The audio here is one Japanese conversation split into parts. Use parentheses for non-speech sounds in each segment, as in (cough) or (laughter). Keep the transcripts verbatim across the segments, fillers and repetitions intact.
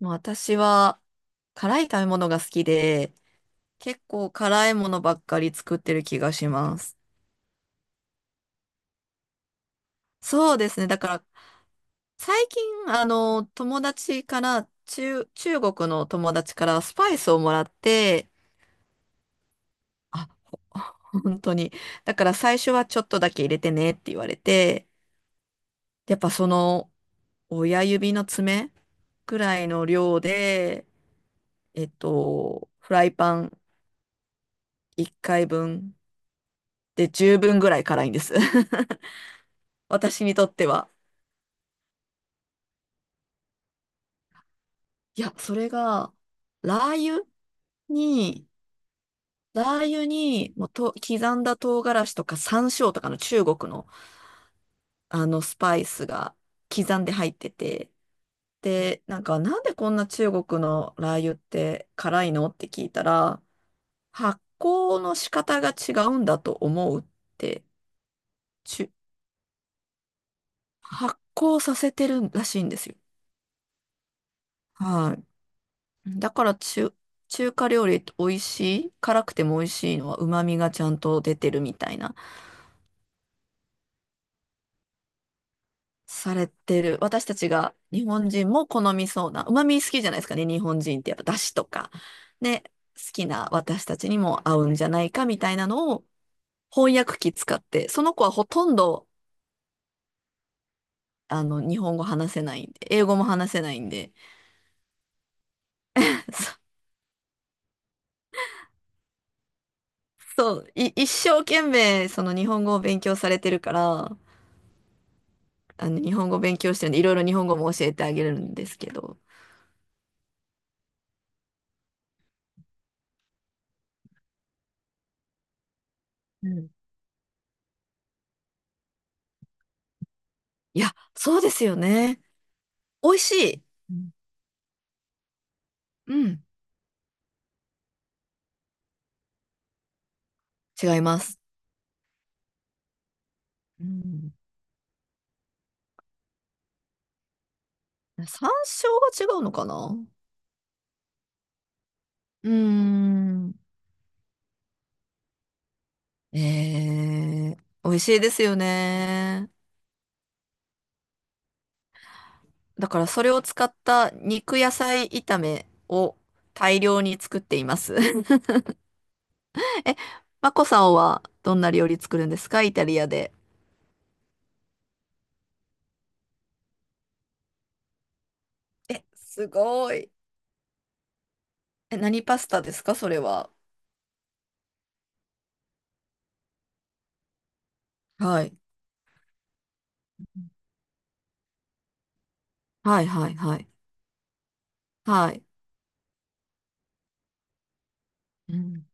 まあ私は辛い食べ物が好きで、結構辛いものばっかり作ってる気がします。そうですね。だから最近、あの、友達から、中、中国の友達からスパイスをもらって、あ、ほ (laughs) 本当に。だから最初はちょっとだけ入れてねって言われて、やっぱその親指の爪くらいの量で、えっと、フライパンいっかいぶんで十分ぐらい辛いんです。(laughs) 私にとっては。いや、それが、ラー油に、ラー油に、もうと、刻んだ唐辛子とか山椒とかの中国の、あの、スパイスが刻んで入ってて、で、なんか、なんでこんな中国のラー油って辛いのって聞いたら、発酵の仕方が違うんだと思うって、ちゅ、発酵させてるらしいんですよ。はい。だから中、中華料理って美味しい、辛くても美味しいのは旨味がちゃんと出てるみたいな、されてる。私たちが日本人も好みそうな、旨味好きじゃないですかね、日本人ってやっぱ出汁とか、ね、好きな私たちにも合うんじゃないかみたいなのを翻訳機使って、その子はほとんどあの日本語話せないんで、英語も話せないんで、(laughs) そそう、い、一生懸命その日本語を勉強されてるから、あの、日本語勉強してるんで、いろいろ日本語も教えてあげるんですけど。うん。いや、そうですよね。美味しい。うんうん。違います。うん、山椒が違うのかな。うーん。えー美味しいですよね。だからそれを使った肉野菜炒めを大量に作っています。(laughs) え、マコさんはどんな料理作るんですかイタリアで？え、すごい。え、何パスタですかそれは？はい。はいはいはい。はい。うん。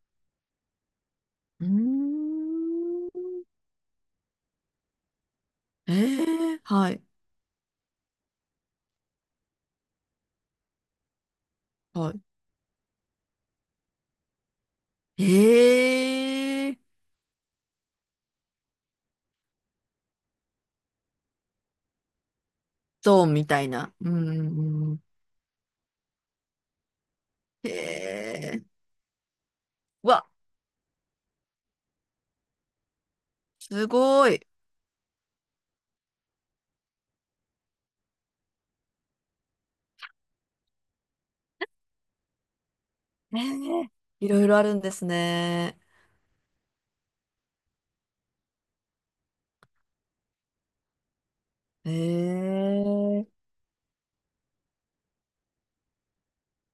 うーん。ええ、はい。はい。ええ、そうみたいな。うんうんうん。ええ、うわ、すごい。ええ、いろいろあるんですね。ええ、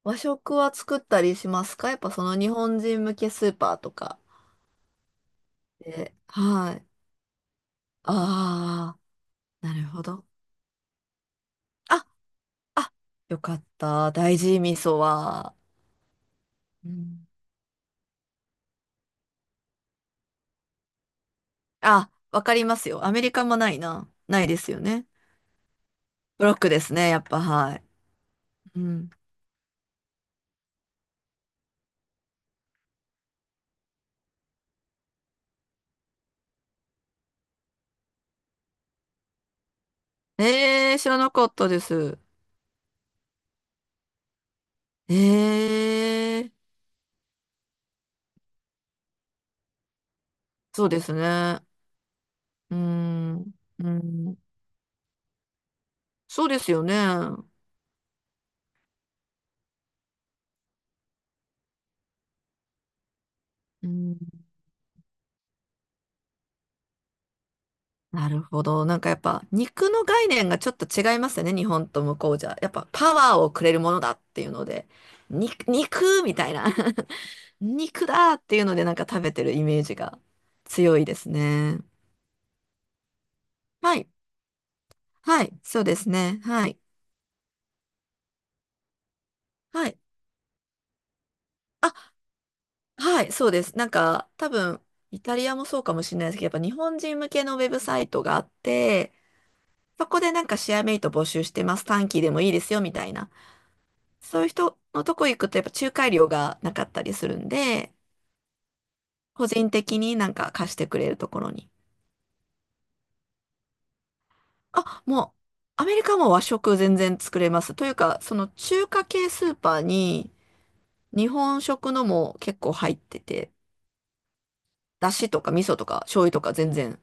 和食は作ったりしますかやっぱその日本人向けスーパーとかで？はい。ああ、なるほど。あ、あ、よかった。大事味噌は。うん、あ、わかりますよ。アメリカもないな。ないですよね。ブロックですね、やっぱ、はい。うん。えー、知らなかったです。えー、そうですね。うん、うん。そうですよね。うん。なるほど。なんかやっぱ、肉の概念がちょっと違いますよね、日本と向こうじゃ。やっぱ、パワーをくれるものだっていうので、肉、肉みたいな (laughs) 肉だっていうので、なんか食べてるイメージが強いですね。はい。はい、そうですね。はい。はい。あ、はい、そうです。なんか、多分、イタリアもそうかもしれないですけど、やっぱ日本人向けのウェブサイトがあって、そこでなんかシェアメイト募集してます。短期でもいいですよ、みたいな。そういう人のとこ行くと、やっぱ仲介料がなかったりするんで、個人的になんか貸してくれるところに。あ、もう、アメリカも和食全然作れます。というか、その中華系スーパーに日本食のも結構入ってて、だしとか味噌とか醤油とか全然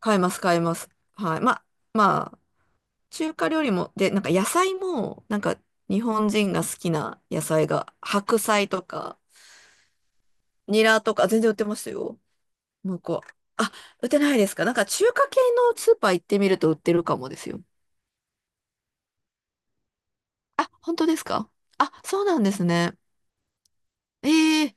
買えます、買えます。はい。まあ、まあ、中華料理も、で、なんか野菜も、なんか日本人が好きな野菜が、白菜とか、ニラとか、全然売ってますよ。向こう。あ、売ってないですかなんか中華系のスーパー行ってみると売ってるかもですよ。あ、本当ですか？あ、そうなんですね。ええ、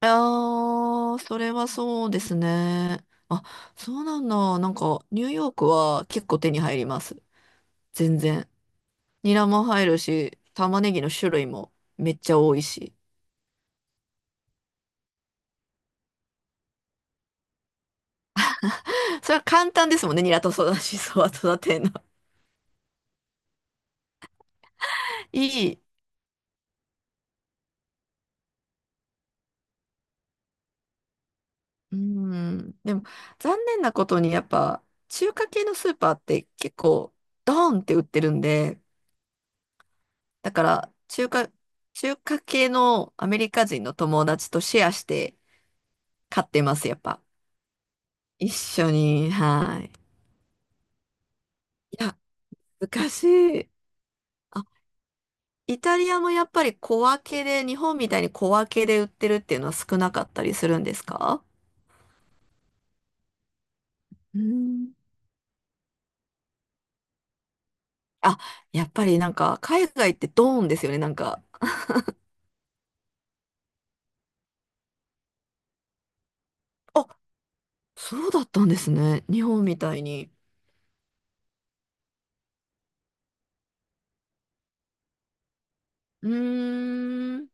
ああ、それはそうですね。あ、そうなんだ。なんか、ニューヨークは結構手に入ります。全然。ニラも入るし、玉ねぎの種類もめっちゃ多いし。(laughs) それは簡単ですもんね、ニラと育しそは育てるの。(laughs) いい。うん。でも、残念なことにやっぱ、中華系のスーパーって結構、ドーンって売ってるんで、だから、中華、中華系のアメリカ人の友達とシェアして買ってます、やっぱ。一緒に、はい。いや、難しい。あ、イタリアもやっぱり小分けで、日本みたいに小分けで売ってるっていうのは少なかったりするんですか？うん。あ、やっぱりなんか海外ってドーンですよね、なんか。あ、そうだったんですね。日本みたいに。うーん。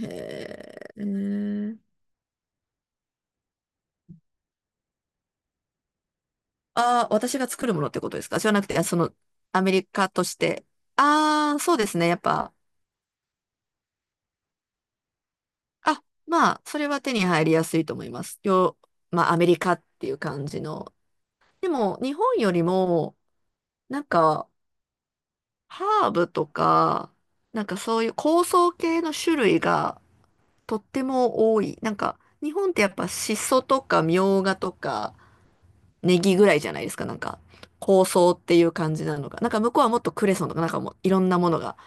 へえ。へー、あ、私が作るものってことですか？じゃなくて、あその、アメリカとして。ああ、そうですね。やっぱ。あ、まあ、それは手に入りやすいと思います。よ、まあ、アメリカっていう感じの、でも、日本よりも、なんか、ハーブとか、なんかそういう香草系の種類がとっても多い。なんか、日本ってやっぱシソとかミョウガとかネギぐらいじゃないですか。なんか、香草っていう感じなのが。なんか向こうはもっとクレソンとか、なんかもういろんなものが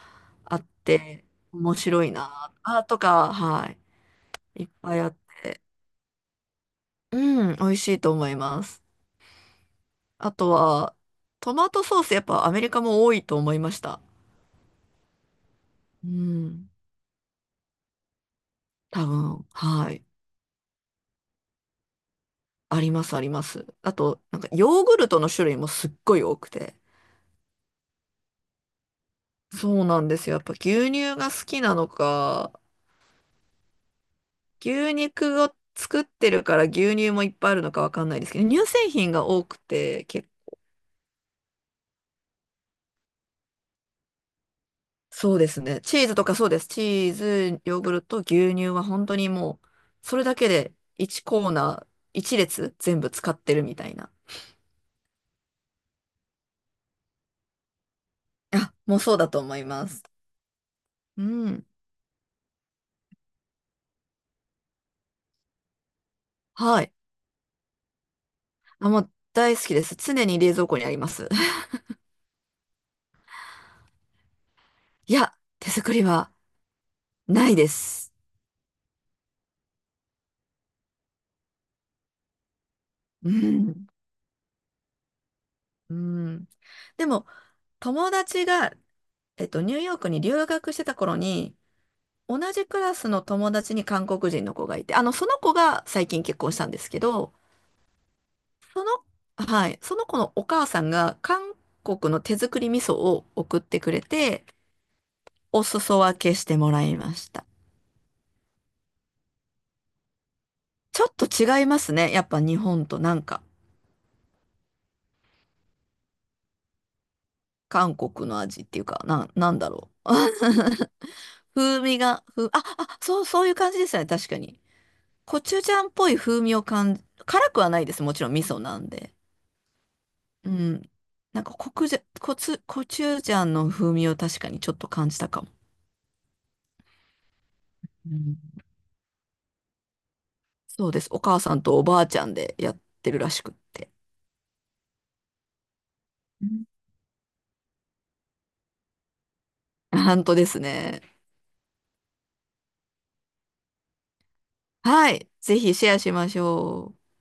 あって、面白いな。あ、とか、はい。いっぱいあって。うん、美味しいと思います。あとは、トマトソースやっぱアメリカも多いと思いました。うん。多分、はい。あります、あります。あと、なんか、ヨーグルトの種類もすっごい多くて。そうなんですよ。やっぱ牛乳が好きなのか、牛肉を作ってるから牛乳もいっぱいあるのかわかんないですけど、乳製品が多くて、け、そうですね。チーズとかそうです。チーズ、ヨーグルト、牛乳は本当にもう、それだけでいちコーナー、いち列全部使ってるみたいな。あ、もうそうだと思います。うん。はい。あ、もう大好きです。常に冷蔵庫にあります。(laughs) いや、手作りはないです。うん。うん。でも、友達が、えっと、ニューヨークに留学してた頃に、同じクラスの友達に韓国人の子がいて、あの、その子が最近結婚したんですけど、その、はい、その子のお母さんが韓国の手作り味噌を送ってくれて、お裾分けしてもらいました。ちょっと違いますね。やっぱ日本となんか。韓国の味っていうか、なん、なんだろう。(laughs) 風味が、ふ、あ、あ、そう、そういう感じですよね、確かに。コチュジャンっぽい風味を感じ、辛くはないです。もちろん味噌なんで。うん。なんかコクジャ、コツ、コチュジャンの風味を確かにちょっと感じたかも。うん、そうです。お母さんとおばあちゃんでやってるらしくって。うん、本当ですね。はい。ぜひシェアしましょう。